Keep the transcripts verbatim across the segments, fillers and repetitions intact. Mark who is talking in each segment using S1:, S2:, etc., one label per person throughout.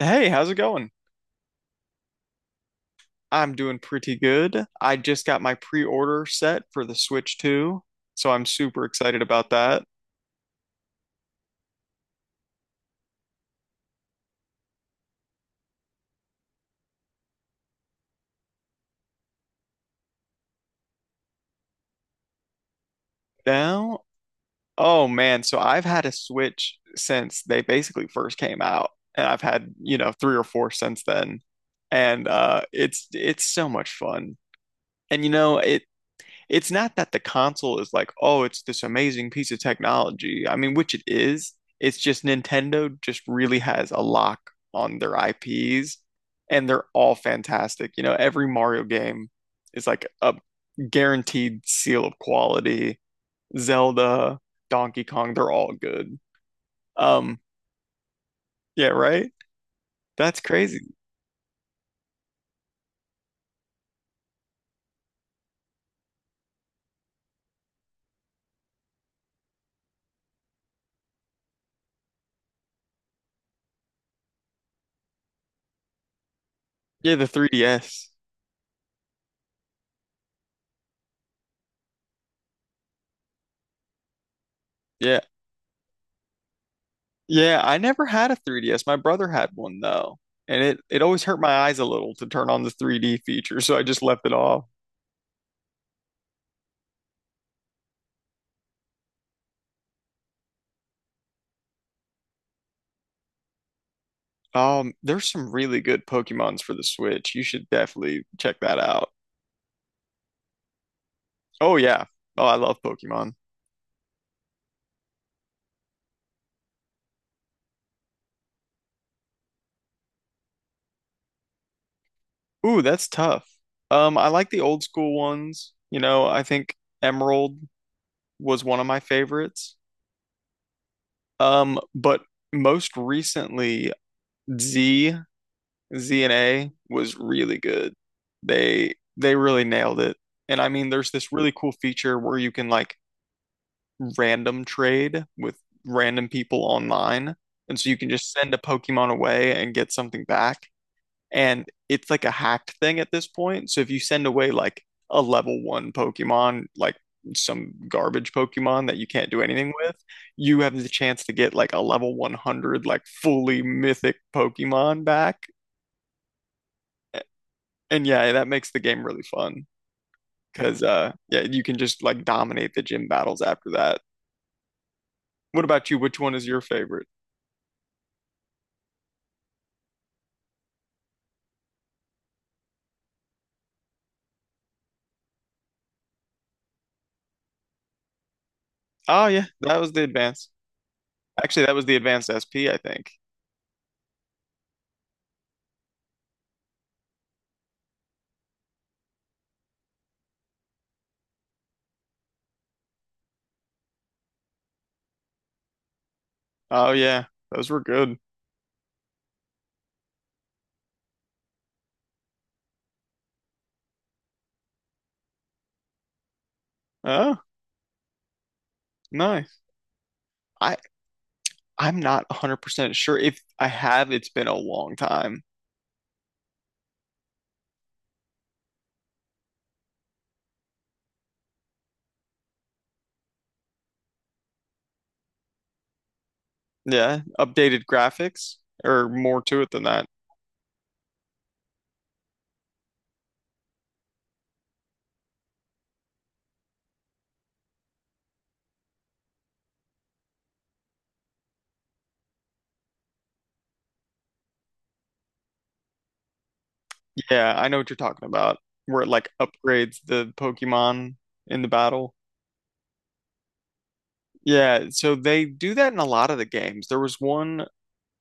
S1: Hey, how's it going? I'm doing pretty good. I just got my pre-order set for the Switch two, so I'm super excited about that. Now, oh man, so I've had a Switch since they basically first came out, and I've had, you know, three or four since then. And uh it's it's so much fun. And you know, it it's not that the console is like, oh, it's this amazing piece of technology. I mean, which it is. It's just Nintendo just really has a lock on their I Ps and they're all fantastic. You know, every Mario game is like a guaranteed seal of quality. Zelda, Donkey Kong, they're all good. Um, yeah, right? That's crazy. Yeah, the three D S. Yeah, Yeah, I never had a three D S. My brother had one though, and it it always hurt my eyes a little to turn on the three D feature, so I just left it off. Um, there's some really good Pokemons for the Switch. You should definitely check that out. Oh yeah. Oh, I love Pokemon. Ooh, that's tough. Um, I like the old school ones. You know, I think Emerald was one of my favorites. Um, but most recently, Z Z and A was really good. They they really nailed it. And I mean, there's this really cool feature where you can like random trade with random people online. And so you can just send a Pokemon away and get something back. And it's like a hacked thing at this point. So if you send away like a level one Pokemon, like some garbage Pokemon that you can't do anything with, you have the chance to get like a level one hundred, like fully mythic Pokemon back. And yeah, that makes the game really fun because uh yeah, you can just like dominate the gym battles after that. What about you? Which one is your favorite? Oh yeah, that was the advanced. Actually, that was the advanced S P, I think. Oh yeah, those were good. Oh, nice. I I'm not one hundred percent sure if I have. It's been a long time. Yeah, updated graphics or more to it than that. Yeah, I know what you're talking about. Where it like upgrades the Pokemon in the battle. Yeah, so they do that in a lot of the games. There was one,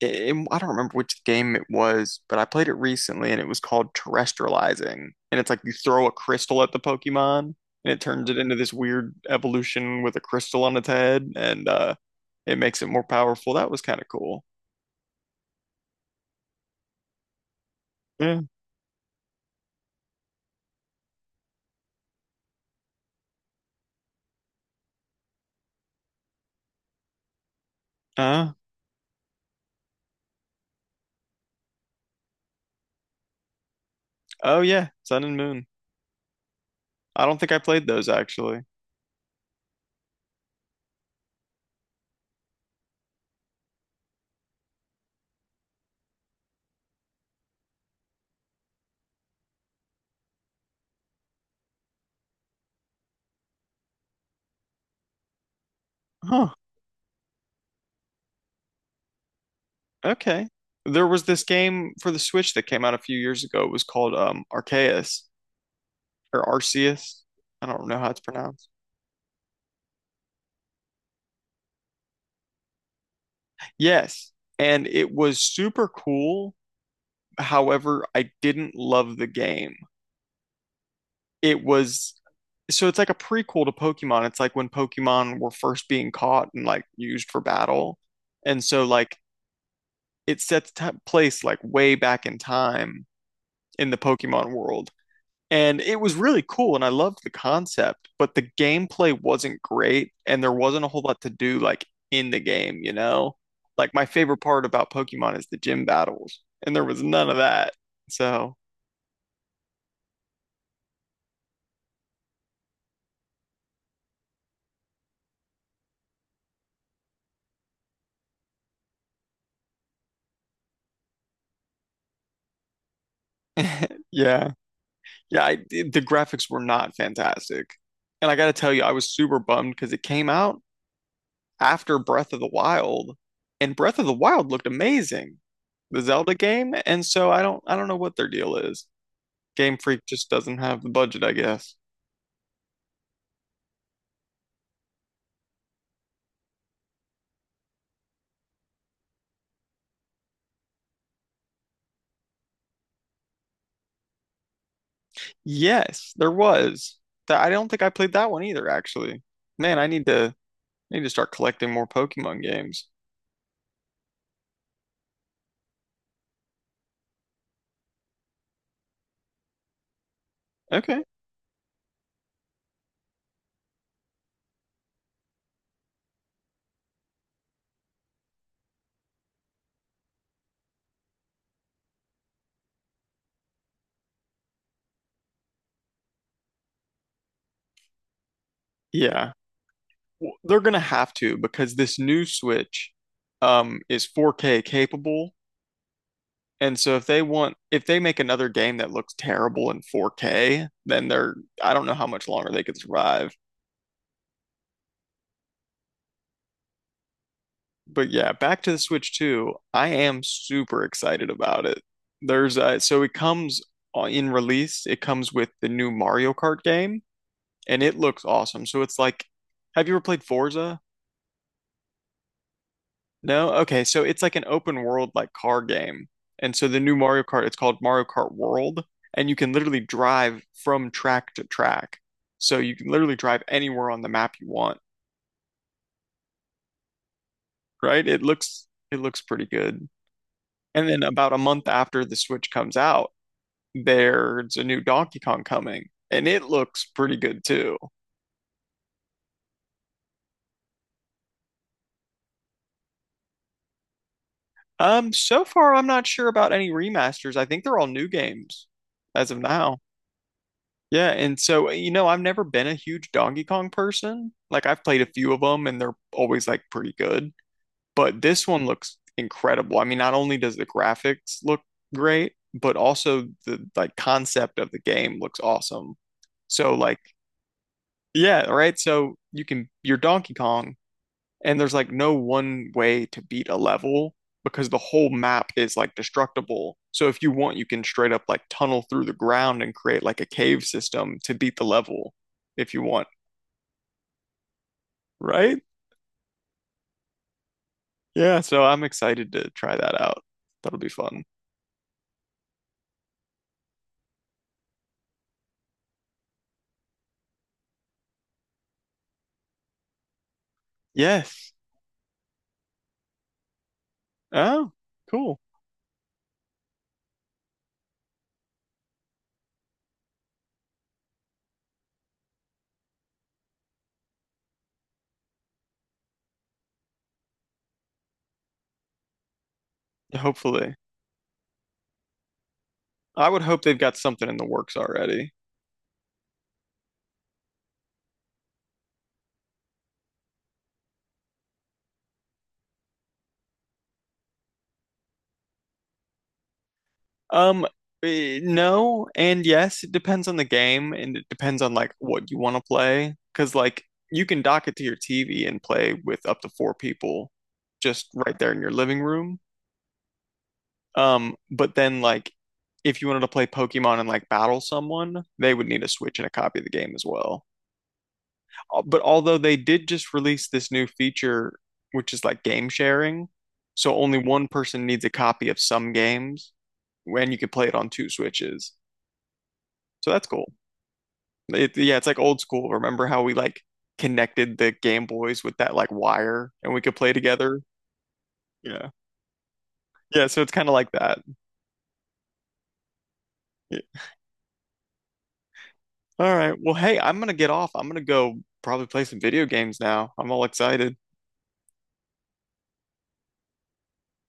S1: i i- don't remember which game it was, but I played it recently and it was called terrestrializing. And it's like you throw a crystal at the Pokemon and it turns it into this weird evolution with a crystal on its head and uh it makes it more powerful. That was kind of cool. Yeah. Uh, oh yeah, Sun and Moon. I don't think I played those actually. Huh. Okay. There was this game for the Switch that came out a few years ago. It was called um Arceus. Or Arceus. I don't know how it's pronounced. Yes, and it was super cool. However, I didn't love the game. It was So it's like a prequel to Pokemon. It's like when Pokemon were first being caught and like used for battle. And so like it sets t place like way back in time in the Pokemon world. And it was really cool, and I loved the concept, but the gameplay wasn't great, and there wasn't a whole lot to do like in the game, you know? Like my favorite part about Pokemon is the gym battles, and there was none of that. So, yeah. Yeah, I, the graphics were not fantastic. And I gotta tell you, I was super bummed because it came out after Breath of the Wild, and Breath of the Wild looked amazing, the Zelda game, and so I don't I don't know what their deal is. Game Freak just doesn't have the budget, I guess. Yes, there was. That I don't think I played that one either, actually. Man, I need to I need to start collecting more Pokemon games. Okay. Yeah. W- They're gonna have to because this new Switch um is four K capable. And so if they want if they make another game that looks terrible in four K, then they're. I don't know how much longer they could survive. But yeah, back to the Switch two. I am super excited about it. There's uh, so it comes uh, in release, it comes with the new Mario Kart game, and it looks awesome. So it's like, have you ever played Forza? No? Okay, so it's like an open world like car game. And so the new Mario Kart, it's called Mario Kart World, and you can literally drive from track to track. So you can literally drive anywhere on the map you want, right? It looks it looks pretty good. And then about a month after the Switch comes out, there's a new Donkey Kong coming, and it looks pretty good too. Um, so far, I'm not sure about any remasters. I think they're all new games as of now. Yeah, and so, you know, I've never been a huge Donkey Kong person. Like, I've played a few of them, and they're always like pretty good. But this one looks incredible. I mean, not only does the graphics look great, but also the like concept of the game looks awesome. So, like, yeah, right. So you can, you're Donkey Kong and there's like no one way to beat a level because the whole map is like destructible. So if you want, you can straight up like tunnel through the ground and create like a cave system to beat the level if you want, right? Yeah, so I'm excited to try that out. That'll be fun. Yes. Oh, cool. Hopefully. I would hope they've got something in the works already. Um, eh, no and yes, it depends on the game and it depends on like what you want to play. Because like you can dock it to your T V and play with up to four people just right there in your living room. Um, but then like if you wanted to play Pokemon and like battle someone, they would need a Switch and a copy of the game as well. Uh, But although they did just release this new feature, which is like game sharing, so only one person needs a copy of some games, when you can play it on two Switches. So that's cool. It, yeah, it's like old school. Remember how we like connected the Game Boys with that like wire and we could play together? Yeah. Yeah, so it's kind of like that. Yeah. All right. Well, hey, I'm gonna get off. I'm gonna go probably play some video games now. I'm all excited.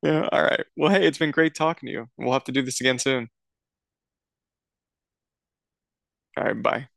S1: Yeah. All right. Well, hey, it's been great talking to you. We'll have to do this again soon. All right, bye.